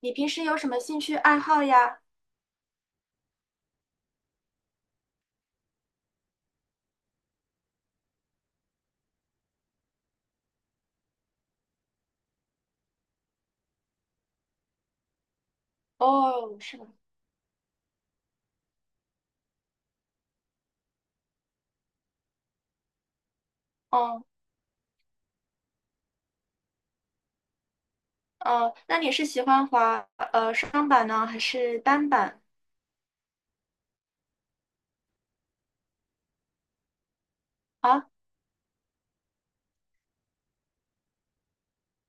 你平时有什么兴趣爱好呀？哦，是吧？哦，哦，那你是喜欢滑双板呢，还是单板啊？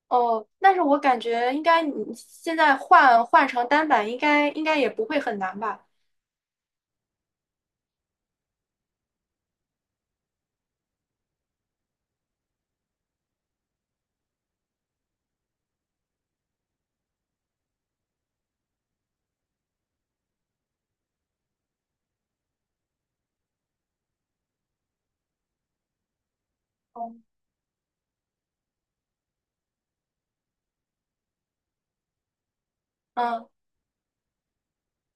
哦，但是我感觉应该你现在换成单板，应该也不会很难吧？哦，嗯，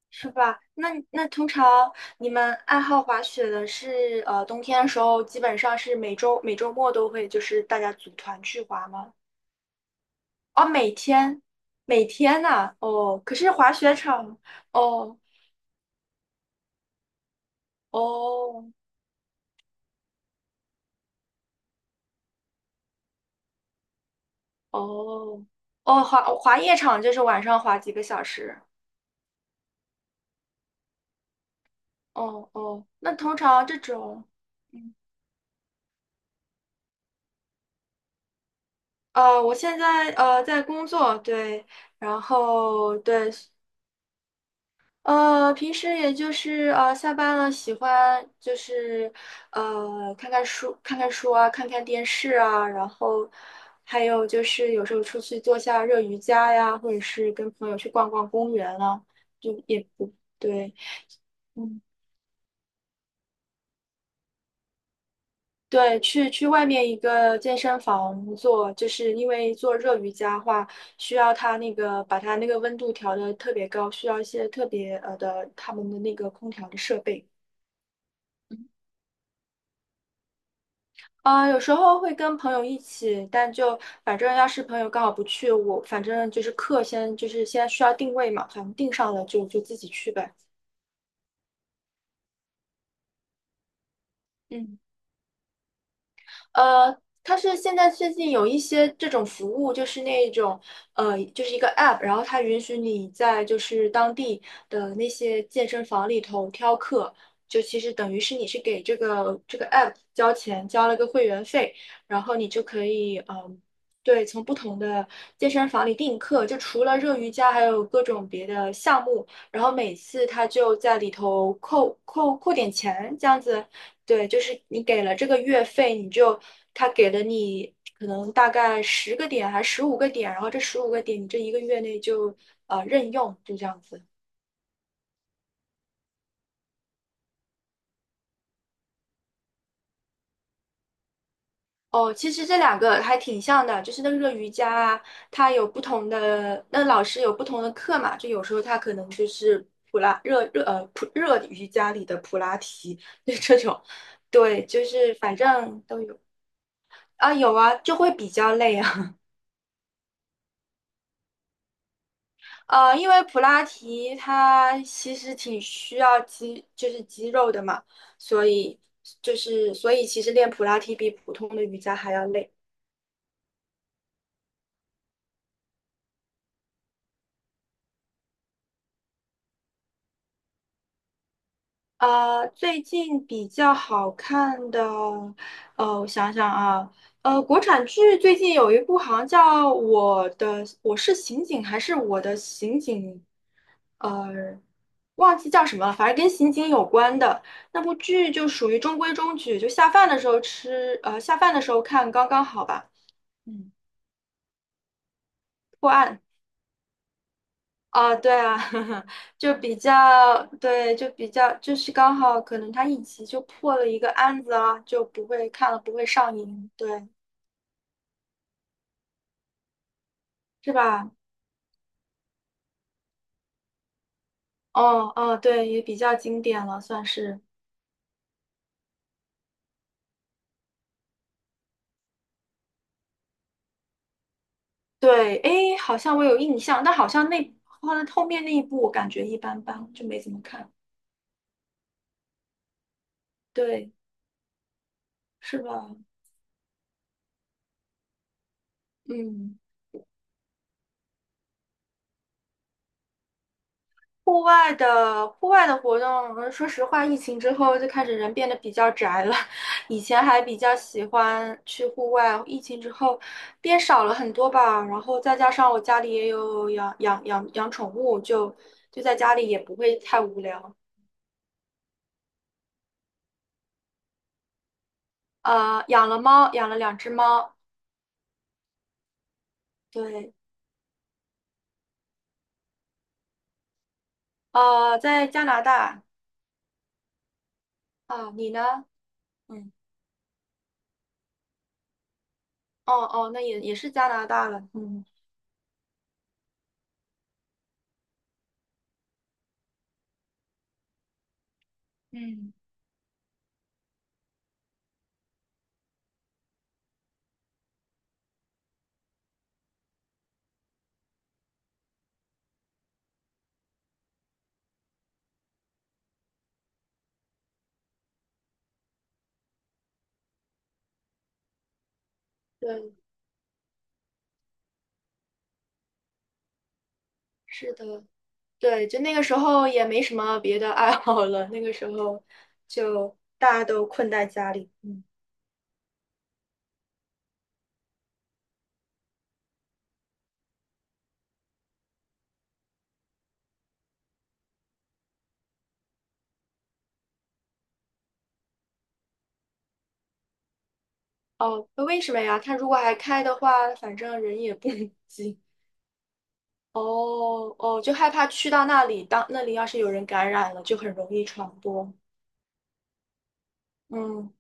是吧？那通常你们爱好滑雪的是冬天的时候，基本上是每周末都会就是大家组团去滑吗？哦，每天每天呐、哦，可是滑雪场哦。哦哦哦，滑夜场就是晚上滑几个小时。哦哦，那通常这种，嗯，我现在在工作，对，然后对，平时也就是下班了，喜欢就是看看书啊，看看电视啊，然后还有就是有时候出去做下热瑜伽呀，或者是跟朋友去逛逛公园啊，就也不对。嗯对，去外面一个健身房做，就是因为做热瑜伽的话，需要它那个把它那个温度调的特别高，需要一些特别的他们的那个空调的设备。啊，有时候会跟朋友一起，但就反正要是朋友刚好不去，我反正就是课先就是先需要定位嘛，反正定上了就自己去呗。嗯。呃，它是现在最近有一些这种服务，就是那种就是一个 app，然后它允许你在就是当地的那些健身房里头挑课，就其实等于是你是给这个 app 交钱，交了个会员费，然后你就可以对，从不同的健身房里订课，就除了热瑜伽，还有各种别的项目。然后每次他就在里头扣点钱，这样子对，就是你给了这个月费，你就他给了你可能大概10个点还是十五个点，然后这十五个点你这一个月内就任用，就这样子。哦，其实这两个还挺像的，就是那个瑜伽啊，它有不同的，那老师有不同的课嘛，就有时候他可能就是普热瑜伽里的普拉提，就这种，对，就是反正都有啊有啊，就会比较累啊。因为普拉提它其实挺需要肌，就是肌肉的嘛，所以就是所以其实练普拉提比普通的瑜伽还要累。最近比较好看的，我想想啊，国产剧最近有一部好像叫《我的我是刑警》还是《我的刑警》，呃，忘记叫什么了，反正跟刑警有关的那部剧就属于中规中矩，就下饭的时候吃，下饭的时候看刚刚好吧。嗯，破案。啊，对啊，就比较，对，就比较，就是刚好可能他一集就破了一个案子啊，就不会看了不会上瘾，对，是吧？哦哦，对，也比较经典了，算是。对，诶，好像我有印象，但好像那后面那一部我感觉一般般，就没怎么看。对，是吧？嗯。户外的活动，说实话，疫情之后就开始人变得比较宅了。以前还比较喜欢去户外，疫情之后变少了很多吧。然后再加上我家里也有养宠物，就在家里也不会太无聊。养了猫，养了两只猫。对，在加拿大啊，你呢？嗯，哦哦，那也是加拿大了。嗯，嗯，对，是的。对，就那个时候也没什么别的爱好了，那个时候就大家都困在家里。嗯，哦，那为什么呀？他如果还开的话，反正人也不 挤。哦哦，就害怕去到那里，当那里要是有人感染了，就很容易传播。嗯，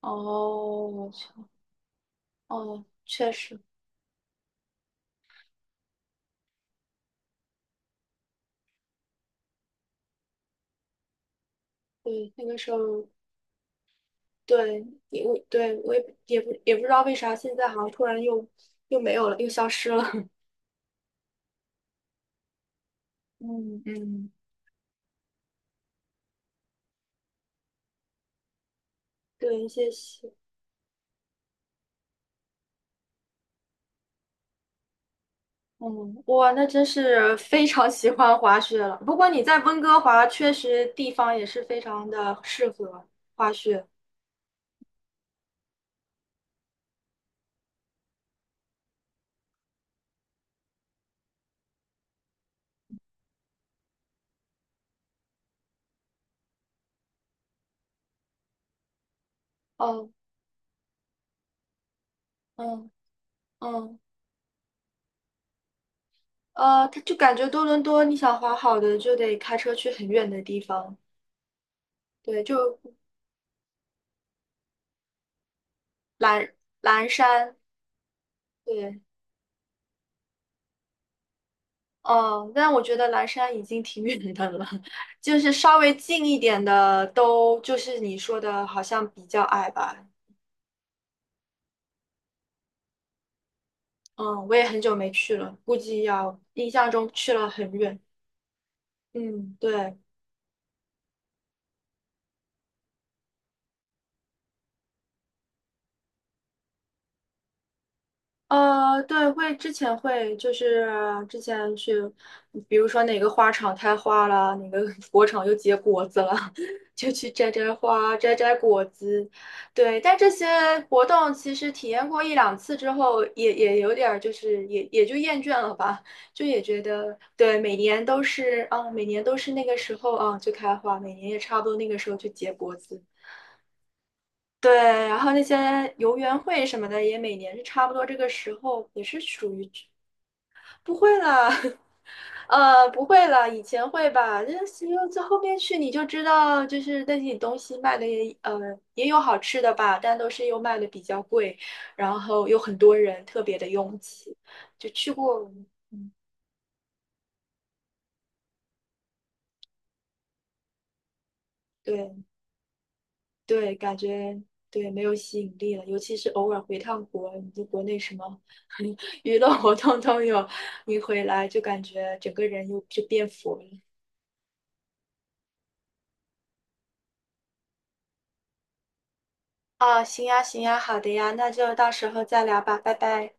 哦哦，确实，对，那个时候，对，也我对我也也不也不知道为啥，现在好像突然又没有了，又消失了。嗯嗯，对，谢谢。嗯，哇，那真是非常喜欢滑雪了。不过你在温哥华确实地方也是非常的适合滑雪。哦，嗯嗯，它就感觉多伦多你想滑好的就得开车去很远的地方，对，就蓝蓝山，对，哦，但我觉得蓝山已经挺远的了，就是稍微近一点的都就是你说的好像比较矮吧。嗯，我也很久没去了，估计要印象中去了很远。嗯，对，对，会之前会就是之前去，比如说哪个花场开花了，哪个 果场又结果子了，就去摘摘花、摘摘果子。对，但这些活动其实体验过一两次之后，也有点儿就是也就厌倦了吧，就也觉得对，每年都是啊，每年都是那个时候啊就开花，每年也差不多那个时候就结果子。对，然后那些游园会什么的，也每年是差不多这个时候，也是属于不会了，不会了，以前会吧，这只有这后面去你就知道，就是那些东西卖的也有好吃的吧，但都是又卖的比较贵，然后有很多人特别的拥挤，就去过，嗯，对。对，感觉对没有吸引力了，尤其是偶尔回趟国，你就国内什么 娱乐活动都有，你回来就感觉整个人又就变佛了。啊，行呀，行呀，好的呀，那就到时候再聊吧，拜拜。